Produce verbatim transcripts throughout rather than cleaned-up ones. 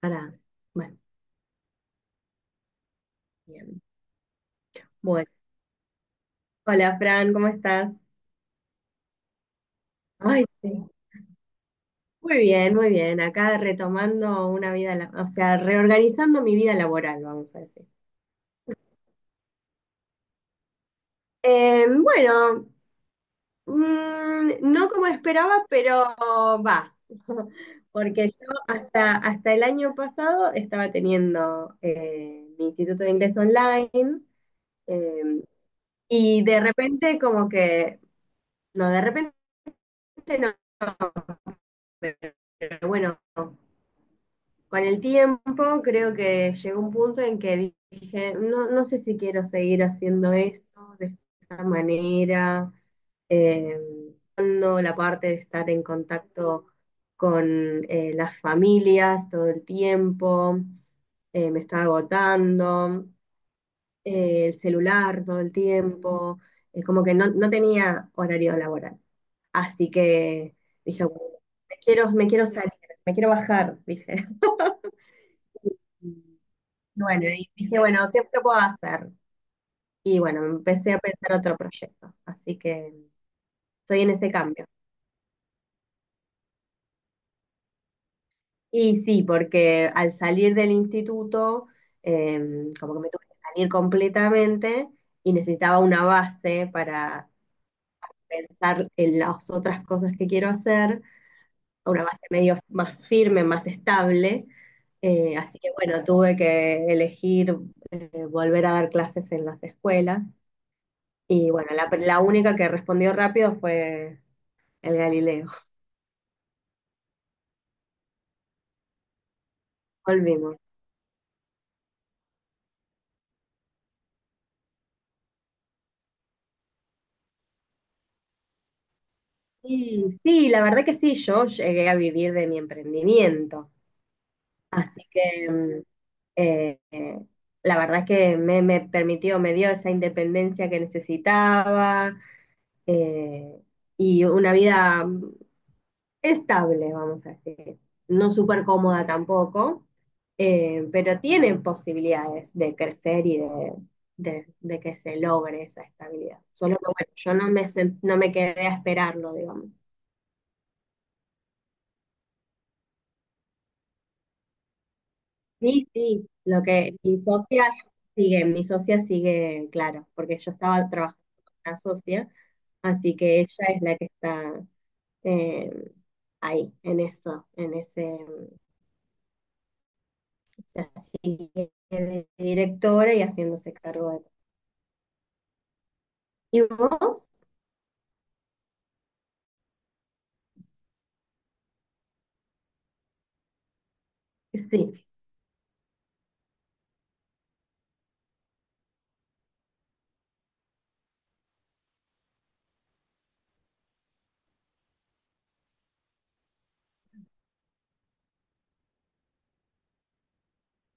Para, bueno, bien. Bueno, hola Fran, ¿cómo estás? Ay, sí. Muy bien, muy bien. Acá retomando una vida, la- o sea, reorganizando mi vida laboral, vamos a decir. Eh, bueno, mm, no como esperaba, pero va. Porque yo hasta, hasta el año pasado estaba teniendo eh, mi instituto de inglés online, eh, y de repente como que, no, de repente no, pero bueno. Con el tiempo creo que llegó un punto en que dije, no, no sé si quiero seguir haciendo esto de esta manera, eh, dando la parte de estar en contacto con, eh, las familias todo el tiempo, eh, me estaba agotando, eh, el celular todo el tiempo, es como que no, no tenía horario laboral. Así que dije, "Bueno, me quiero, me quiero salir, me quiero bajar," dije. Bueno, y dije, bueno, ¿qué, qué puedo hacer? Y bueno, empecé a pensar otro proyecto, así que estoy en ese cambio. Y sí, porque al salir del instituto, eh, como que me tuve que salir completamente y necesitaba una base para pensar en las otras cosas que quiero hacer, una base medio más firme, más estable. Eh, así que bueno, tuve que elegir, eh, volver a dar clases en las escuelas. Y bueno, la, la única que respondió rápido fue el Galileo. Volvimos. Y sí, la verdad que sí, yo llegué a vivir de mi emprendimiento. Así que mm, eh, eh, la verdad que me, me permitió, me dio esa independencia que necesitaba, eh, y una vida estable, vamos a decir. No súper cómoda tampoco, eh, pero tiene posibilidades de crecer y de, de- de que se logre esa estabilidad. Solo que bueno, yo no me, sen- no me quedé a esperarlo, digamos. Sí, sí, lo que mi socia sigue, mi socia sigue, claro, porque yo estaba trabajando con la socia, así que ella es la que está, eh, ahí, en eso, en ese. Así, de directora y haciéndose cargo de... ¿Y vos? Sí.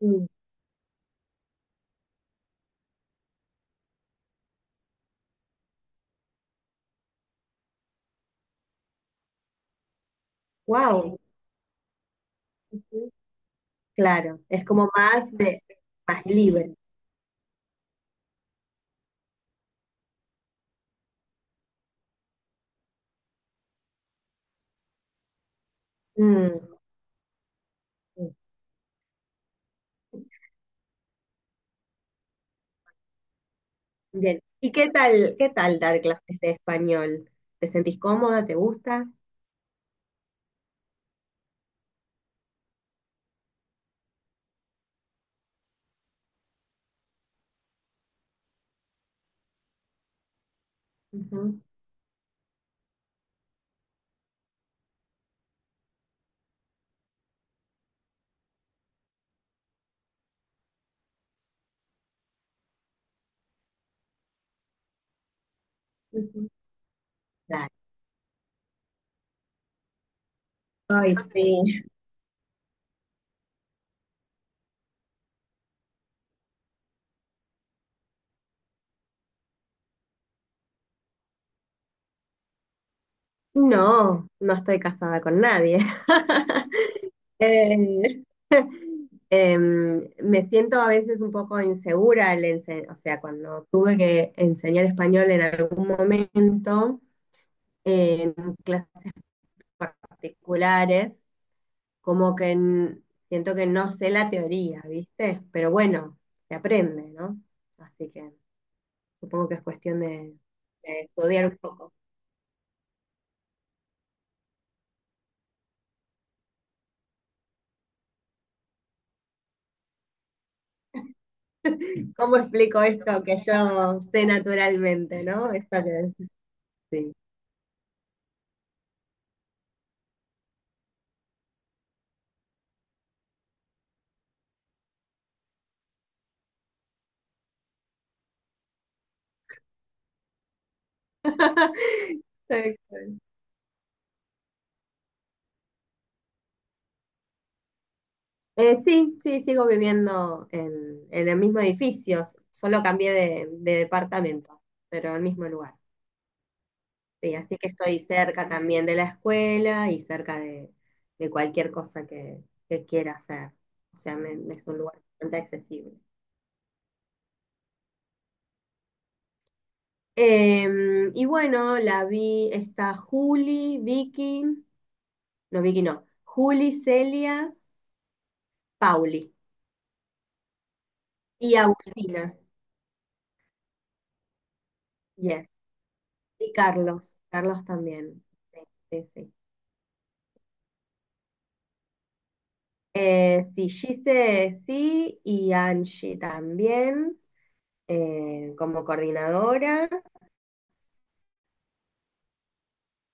Mm. Wow. Ujú. Claro, es como más de, más libre. Mm. Bien. ¿Y qué tal, qué tal dar clases de español? ¿Te sentís cómoda? ¿Te gusta? Ujú, ujú. Claro. Ay, sí. No, no estoy casada con nadie. Eh, Em, me siento a veces un poco insegura, al ense- o sea, cuando tuve que enseñar español en algún momento en clases particulares, como que n- siento que no sé la teoría, ¿viste? Pero bueno, se aprende, ¿no? Así que supongo que es cuestión de, de estudiar un poco. ¿Cómo explico esto que yo sé naturalmente, ¿no? Esto que es, sí. Tal cual. Eh, sí, sí, sigo viviendo en, en el mismo edificio, s- solo cambié de, de departamento, pero el mismo lugar. Sí, así que estoy cerca también de la escuela y cerca de, de cualquier cosa que, que quiera hacer. O sea, me- es un lugar bastante accesible. Eh, y bueno, la vi, está Juli, Vicky, no, Vicky no, Juli, Celia, Pauli y Agustina, yes, y Carlos, Carlos también. Sí, sí, sí. Eh, sí, Gise sí y Angie también, eh, como coordinadora,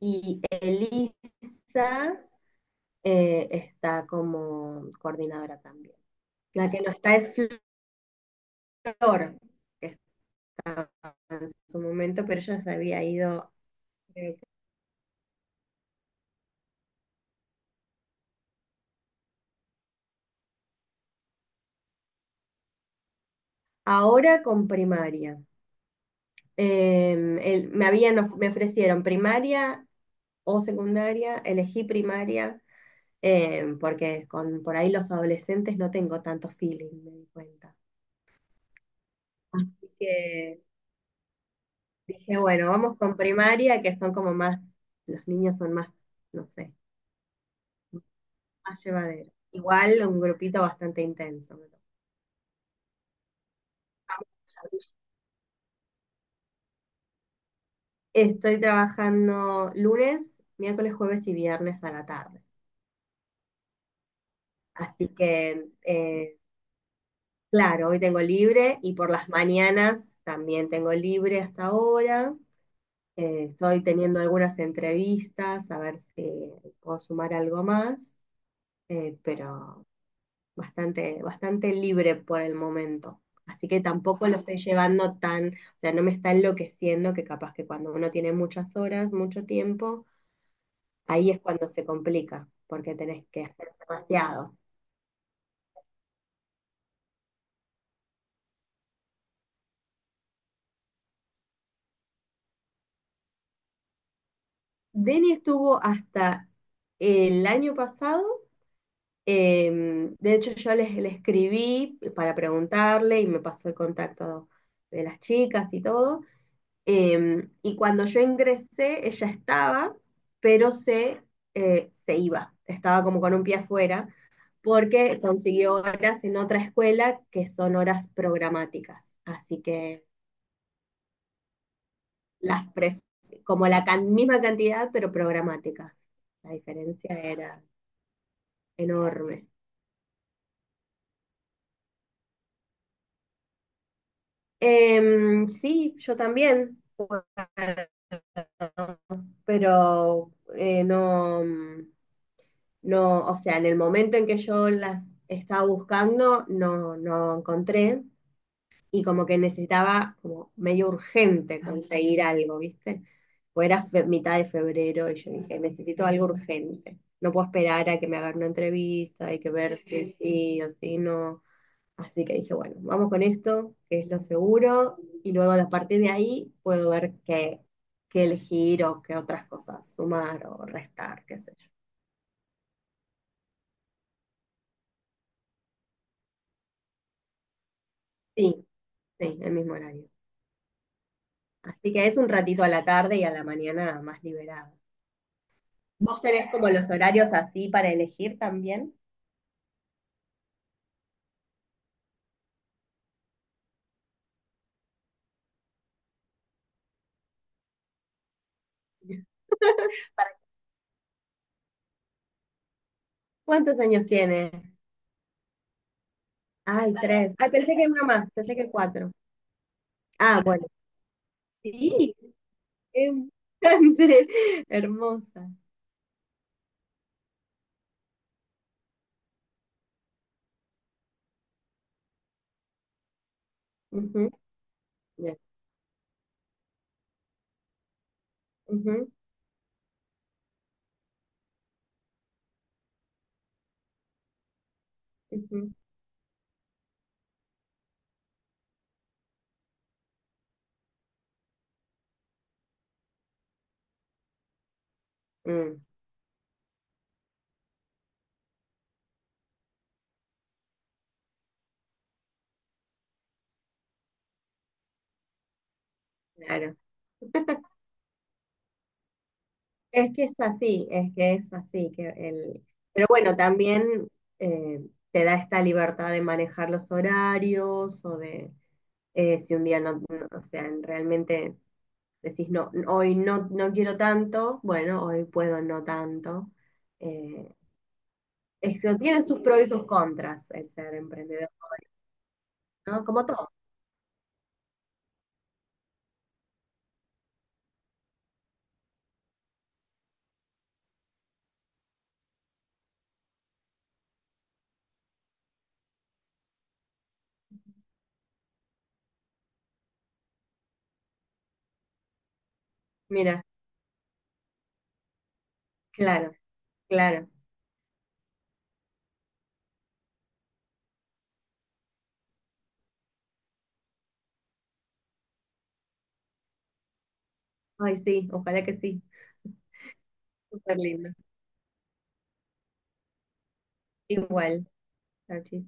y Elisa, eh, está como coordinadora también. La que no está es Flor, que estaba en su momento, pero ella se había ido, creo que- ahora con primaria. Em, el- me habían of- me ofrecieron primaria o secundaria, elegí primaria, eh, porque con por ahí los adolescentes no tengo tanto feeling, me di cuenta. Así que dije, bueno, vamos con primaria, que son como más, los niños son más, no sé, más llevaderos. Igual un grupito bastante intenso. me lo- Estoy trabajando lunes, miércoles, jueves y viernes a la tarde. Así que, eh, claro, hoy tengo libre y por las mañanas también tengo libre hasta ahora. Eh, estoy teniendo algunas entrevistas, a ver si puedo sumar algo más, eh, pero bastante, bastante libre por el momento. Así que tampoco lo estoy llevando tan, o sea, no me está enloqueciendo, que capaz que cuando uno tiene muchas horas, mucho tiempo, ahí es cuando se complica, porque tenés que hacer demasiado. Denny estuvo hasta el año pasado. Eh, de hecho, yo les- le escribí para preguntarle y me pasó el contacto de las chicas y todo. Eh, y cuando yo ingresé, ella estaba, pero se, eh, se iba. Estaba como con un pie afuera porque consiguió horas en otra escuela que son horas programáticas. Así que las pref- como la can- misma cantidad, pero programáticas. La diferencia era enorme. Em, sí, yo también, puedo, pero eh, no, mm, no, o sea, en el momento en que yo las estaba buscando, no, no encontré y como que necesitaba como medio urgente conseguir algo, ¿viste? Pues era fe- mitad de febrero y yo dije, necesito algo urgente, no puedo esperar a que me hagan una entrevista, hay que ver si sí o si no. Así que dije, bueno, vamos con esto, que es lo seguro, y luego a partir de ahí puedo ver qué, qué elegir o qué otras cosas sumar o restar, qué sé yo. Sí, sí, el mismo horario. Así que es un ratito a la tarde y a la mañana más liberado. ¿Vos tenés como los horarios así para elegir también? ¿Cuántos años tiene? Ay, tres. Ay, pensé que uno más, pensé que cuatro. Ah, bueno. Sí, es bastante hermosa. Ujú, bien. Ujú, ujú. Mm. Claro, es que es así, es que es así, que el... pero bueno, también, eh, te da esta libertad de manejar los horarios o de, eh, si un día no, no- o sea, realmente decís, no, hoy no, no quiero tanto, bueno, hoy puedo no tanto. Eh, Esto tiene sus pros y sus contras el ser emprendedor, ¿no? Como todo. Mira, claro, claro. Ay, sí, ojalá que sí. Súper lindo. Igual, chao, chis.